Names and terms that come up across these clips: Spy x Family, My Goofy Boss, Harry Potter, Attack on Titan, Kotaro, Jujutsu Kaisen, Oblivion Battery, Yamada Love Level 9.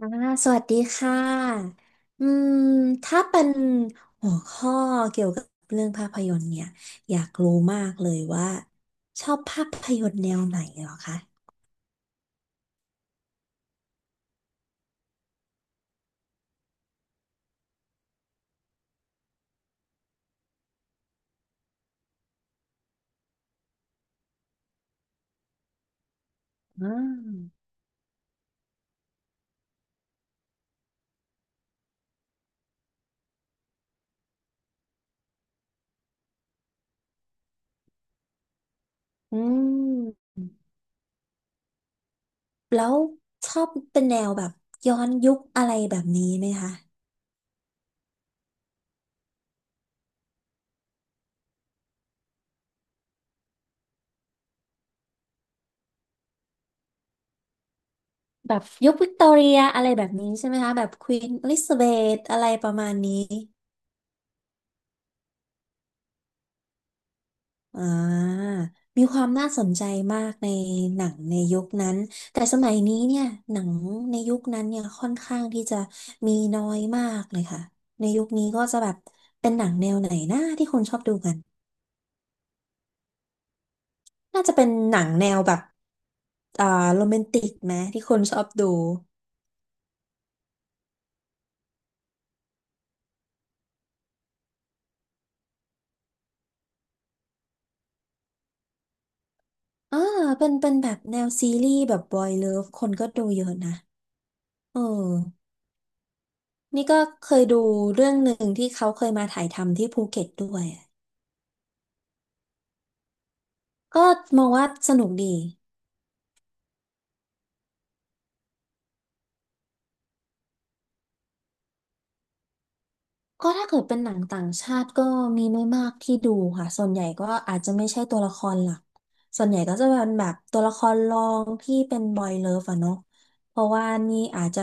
อ่าสวัสดีค่ะอืมถ้าเป็นหัวข้อเกี่ยวกับเรื่องภาพยนตร์เนี่ย อยากรู้มากเลยว่าชอบภาพยนตร์แนวไหนเหรอคะอ่าอืม แล้วชอบเป็นแนวแบบย้อนยุคอะไรแบบนี้ไหมคะ แบบยุควิกตอเรียอะไรแบบนี้ใช่ไหมคะ แบบควีนอลิซาเบธอะไรประมาณนี้ อ่ามีความน่าสนใจมากในหนังในยุคนั้นแต่สมัยนี้เนี่ยหนังในยุคนั้นเนี่ยค่อนข้างที่จะมีน้อยมากเลยค่ะในยุคนี้ก็จะแบบเป็นหนังแนวไหนนะที่คนชอบดูกันน่าจะเป็นหนังแนวแบบอ่าโรแมนติกไหมที่คนชอบดูอ่าเป็นแบบแนวซีรีส์แบบบอยเลิฟคนก็ดูเยอะนะเออนี่ก็เคยดูเรื่องหนึ่งที่เขาเคยมาถ่ายทำที่ภูเก็ตด้วย ก็มองว่าสนุกดีก็ถ้าเกิดเป็นหนังต่างชาติก็มีไม่มากที่ดูค่ะส่วนใหญ่ก็อาจจะไม่ใช่ตัวละครหลักส่วนใหญ่ก็จะเป็นแบบตัวละครรองที่เป็นบอยเลิฟอะเนาะเพราะว่านี่อาจจะ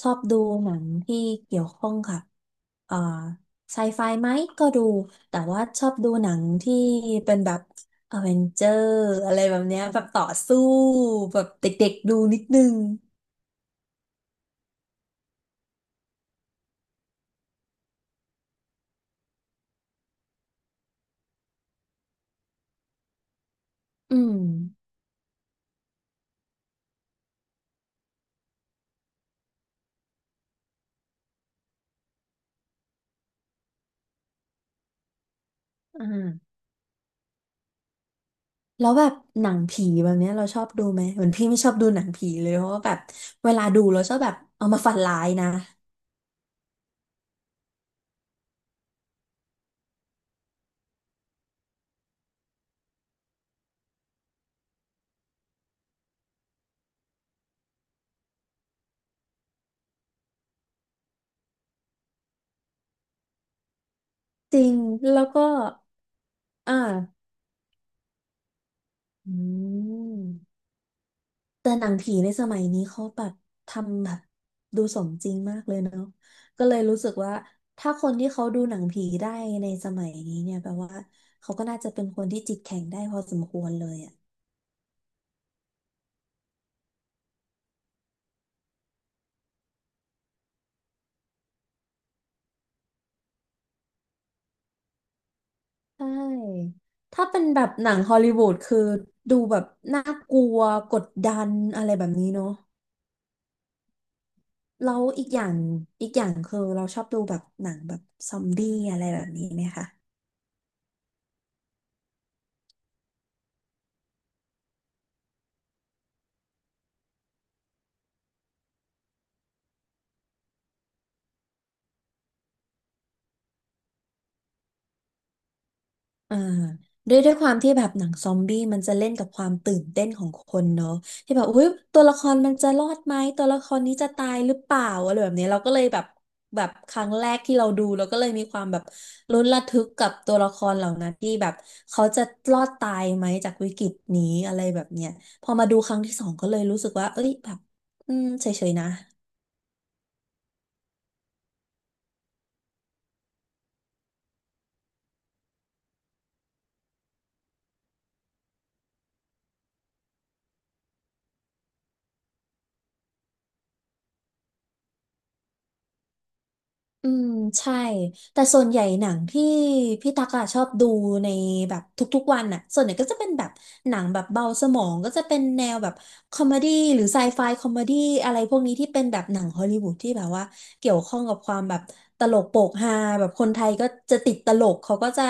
ชอบดูหนังที่เกี่ยวข้องกับเอ่อไซไฟไหมก็ดูแต่ว่าชอบดูหนังที่เป็นแบบอเวนเจอร์อะไรแบบเนี้ยแบบต่อสู้แบบเด็กๆดูนิดนึงอืมอ่า แล้วแบบหนังผีแบบเนี้ยเราชอบดูไหมเหมือนพี่ไม่ชอบดูหนังผีเลยเพราะว่าแบบเวลาดูเราชอบแบบเอามาฝันร้ายนะจริงแล้วก็อ่าอืมแต่หนังผีในสมัยนี้เขาแบบทำแบบดูสมจริงมากเลยเนาะก็เลยรู้สึกว่าถ้าคนที่เขาดูหนังผีได้ในสมัยนี้เนี่ยแปลว่าเขาก็น่าจะเป็นคนที่จิตแข็งได้พอสมควรเลยอะ ใช่ ถ้าเป็นแบบหนังฮอลลีวูดคือดูแบบน่ากลัวกดดันอะไรแบบนี้เนาะแล้วอีกอย่างคือเราชอบดูแบบหนังแบบซอมบี้อะไรแบบนี้ไหมคะ อ่าด้วยความที่แบบหนังซอมบี้มันจะเล่นกับความตื่นเต้นของคนเนาะที่แบบอุ้ยตัวละครมันจะรอดไหมตัวละครนี้จะตายหรือเปล่าอะไรแบบนี้เราก็เลยแบบครั้งแรกที่เราดูเราก็เลยมีความแบบลุ้นระทึกกับตัวละครเหล่านั้นที่แบบเขาจะรอดตายไหมจากวิกฤตนี้อะไรแบบเนี้ยพอมาดูครั้งที่สองก็เลยรู้สึกว่าเอ้ยแบบอืมเฉยๆนะ อืมใช่แต่ส่วนใหญ่หนังที่พี่ตักอะชอบดูในแบบทุกๆวันอะส่วนใหญ่ก็จะเป็นแบบหนังแบบเบาสมองก็จะเป็นแนวแบบคอมเมดี้หรือไซไฟคอมเมดี้อะไรพวกนี้ที่เป็นแบบหนังฮอลลีวูดที่แบบว่าเกี่ยวข้องกับความแบบตลกโปกฮาแบบคนไทยก็จะติดตลกเขาก็จะ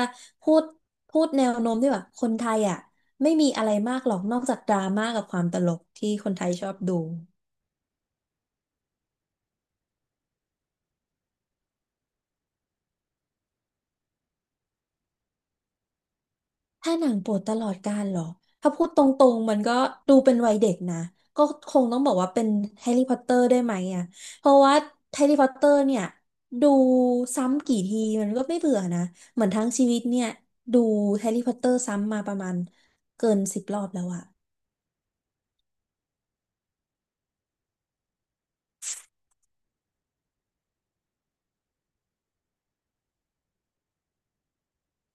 พูดพูดแนวโน้มที่แบบคนไทยอะไม่มีอะไรมากหรอกนอกจากดราม่ากับความตลกที่คนไทยชอบดู ถ้าหนังโปรดตลอดกาลเหรอถ้าพูดตรงๆมันก็ดูเป็นวัยเด็กนะก็คงต้องบอกว่าเป็นแฮร์รี่พอตเตอร์ได้ไหมอ่ะเพราะว่าแฮร์รี่พอตเตอร์เนี่ยดูซ้ำกี่ทีมันก็ไม่เบื่อนะเหมือนทั้งชีวิตเนี่ยดูแฮร์รี่พอตเตอร์ซ้ำมาประมาณเกินสิบรอบแล้วอะ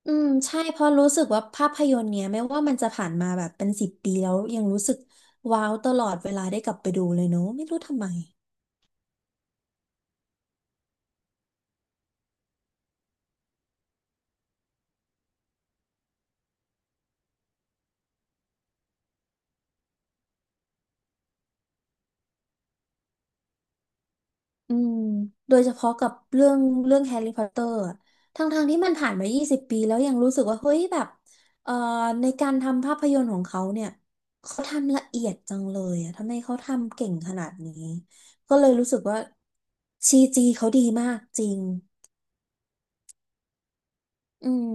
อืมใช่เพราะรู้สึกว่าภาพยนตร์เนี่ยไม่ว่ามันจะผ่านมาแบบเป็นสิบปีแล้วยังรู้สึกว้าวตลอดเวลาได้กลับไปดูเลยเนอะไม่รู้ทำไม อืมโดยเฉพาะกับเรื่องแฮร์รี่พอตเตอร์ทั้งทางๆที่มันผ่านมา 20 ปีแล้วยังรู้สึกว่าเฮ้ยแบบเอ่อในการทำภาพยนตร์ของเขาเนี่ยเขาทำละเอียดจังเลยอะทำไมเขาทำเก่งขนาดนี้ก็เลยรู้สึกว่าซีจีเขาดีมากจริงอืม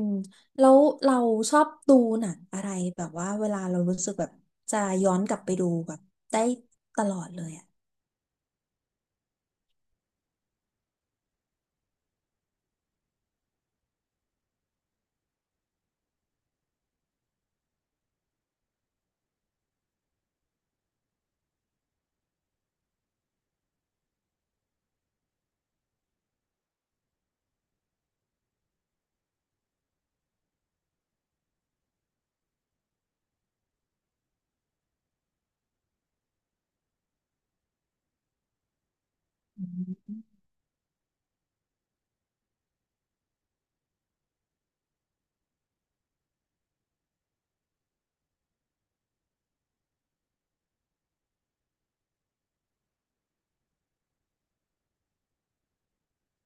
แล้วเราชอบดูหนังอะไรแบบว่าเวลาเรารู้สึกแบบจะย้อนกลับไปดูแบบได้ตลอดเลยอะ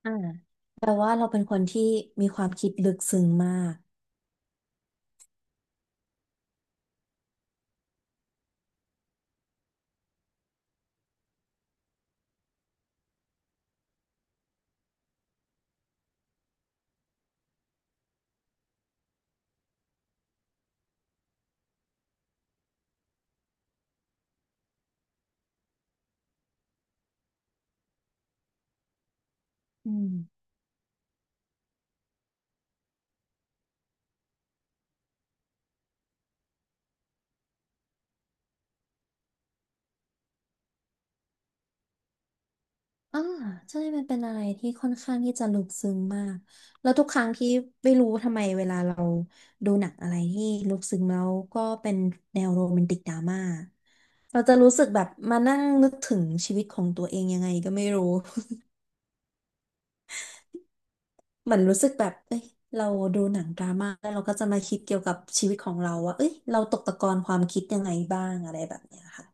อ่าแปลว่าเราเป็นคนที่มีความคิดลึกซึ้งมาก อืมอ่าใช่มันเป็นอะไรที่ค่อนข้างที่จะลึกซึ้งมาก แล้วทุกครั้งที่ไม่รู้ทำไมเวลาเราดูหนังอะไรที่ลึกซึ้งแล้วก็เป็นแนวโรแมนติกดราม่าเราจะรู้สึกแบบมานั่งนึกถึงชีวิตของตัวเองยังไงก็ไม่รู้ เหมือนรู้สึกแบบเอ้ยเราดูหนังดราม่าแล้วเราก็จะมาคิดเกี่ยวกับชีวิตของเราว่าเอ้ยเราตกตะกอนความคิดยังไงบ้างอะไรแบบเนี้ยค่ะ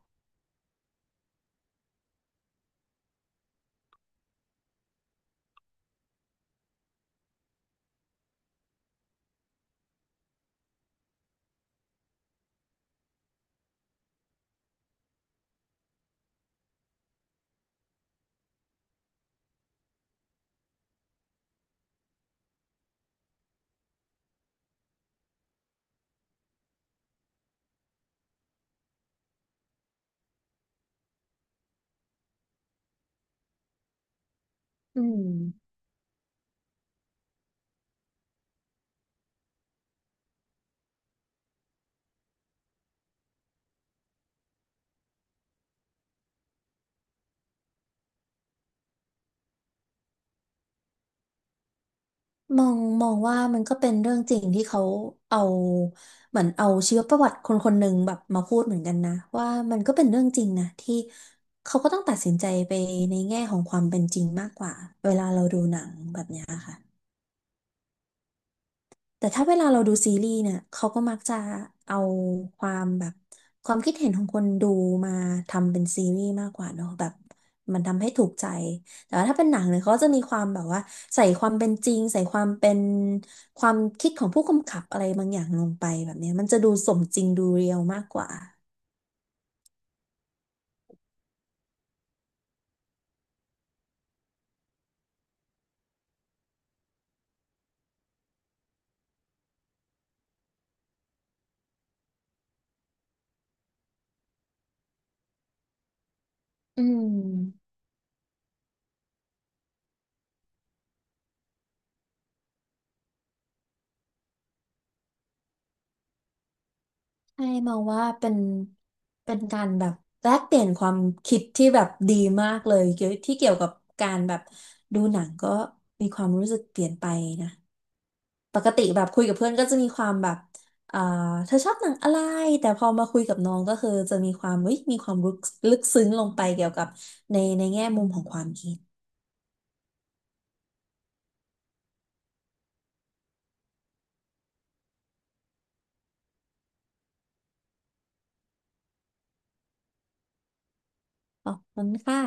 อืม มองว่ามันก็เป็นเรื่องจริงที่เขาเอาเหมือนเอาชีวประวัติคนคนหนึ่งแบบมาพูดเหมือนกันนะว่ามันก็เป็นเรื่องจริงนะที่เขาก็ต้องตัดสินใจไปในแง่ของความเป็นจริงมากกว่าเวลาเราดูหนังแบบเนี้ยค่ะ แต่ถ้าเวลาเราดูซีรีส์เนี่ยเขาก็มักจะเอาความแบบความคิดเห็นของคนดูมาทำเป็นซีรีส์มากกว่าเนอะแบบมันทำให้ถูกใจแต่ว่าถ้าเป็นหนังเนี่ยเขาจะมีความแบบว่าใส่ความเป็นจริงใส่ความเป็นความคิดของผู้กำกับอะไรบางอย่างลงไปแบบเนี้ยมันจะดูสมจริงดูเรียลมากกว่าอืม ให้มองว่าเป็นการแบบแลกเปลี่ยนความคิดที่แบบดีมากเลยเกี่ยวที่เกี่ยวกับการแบบดูหนังก็มีความรู้สึกเปลี่ยนไปนะปกติแบบคุยกับเพื่อนก็จะมีความแบบเอ่าเธอชอบหนังอะไรแต่พอมาคุยกับน้องก็คือจะมีความเฮ้ยมีความลึกซึ้งลงไปเกี่ยวกับในแง่มุมของความคิดขอบคุณค่ะ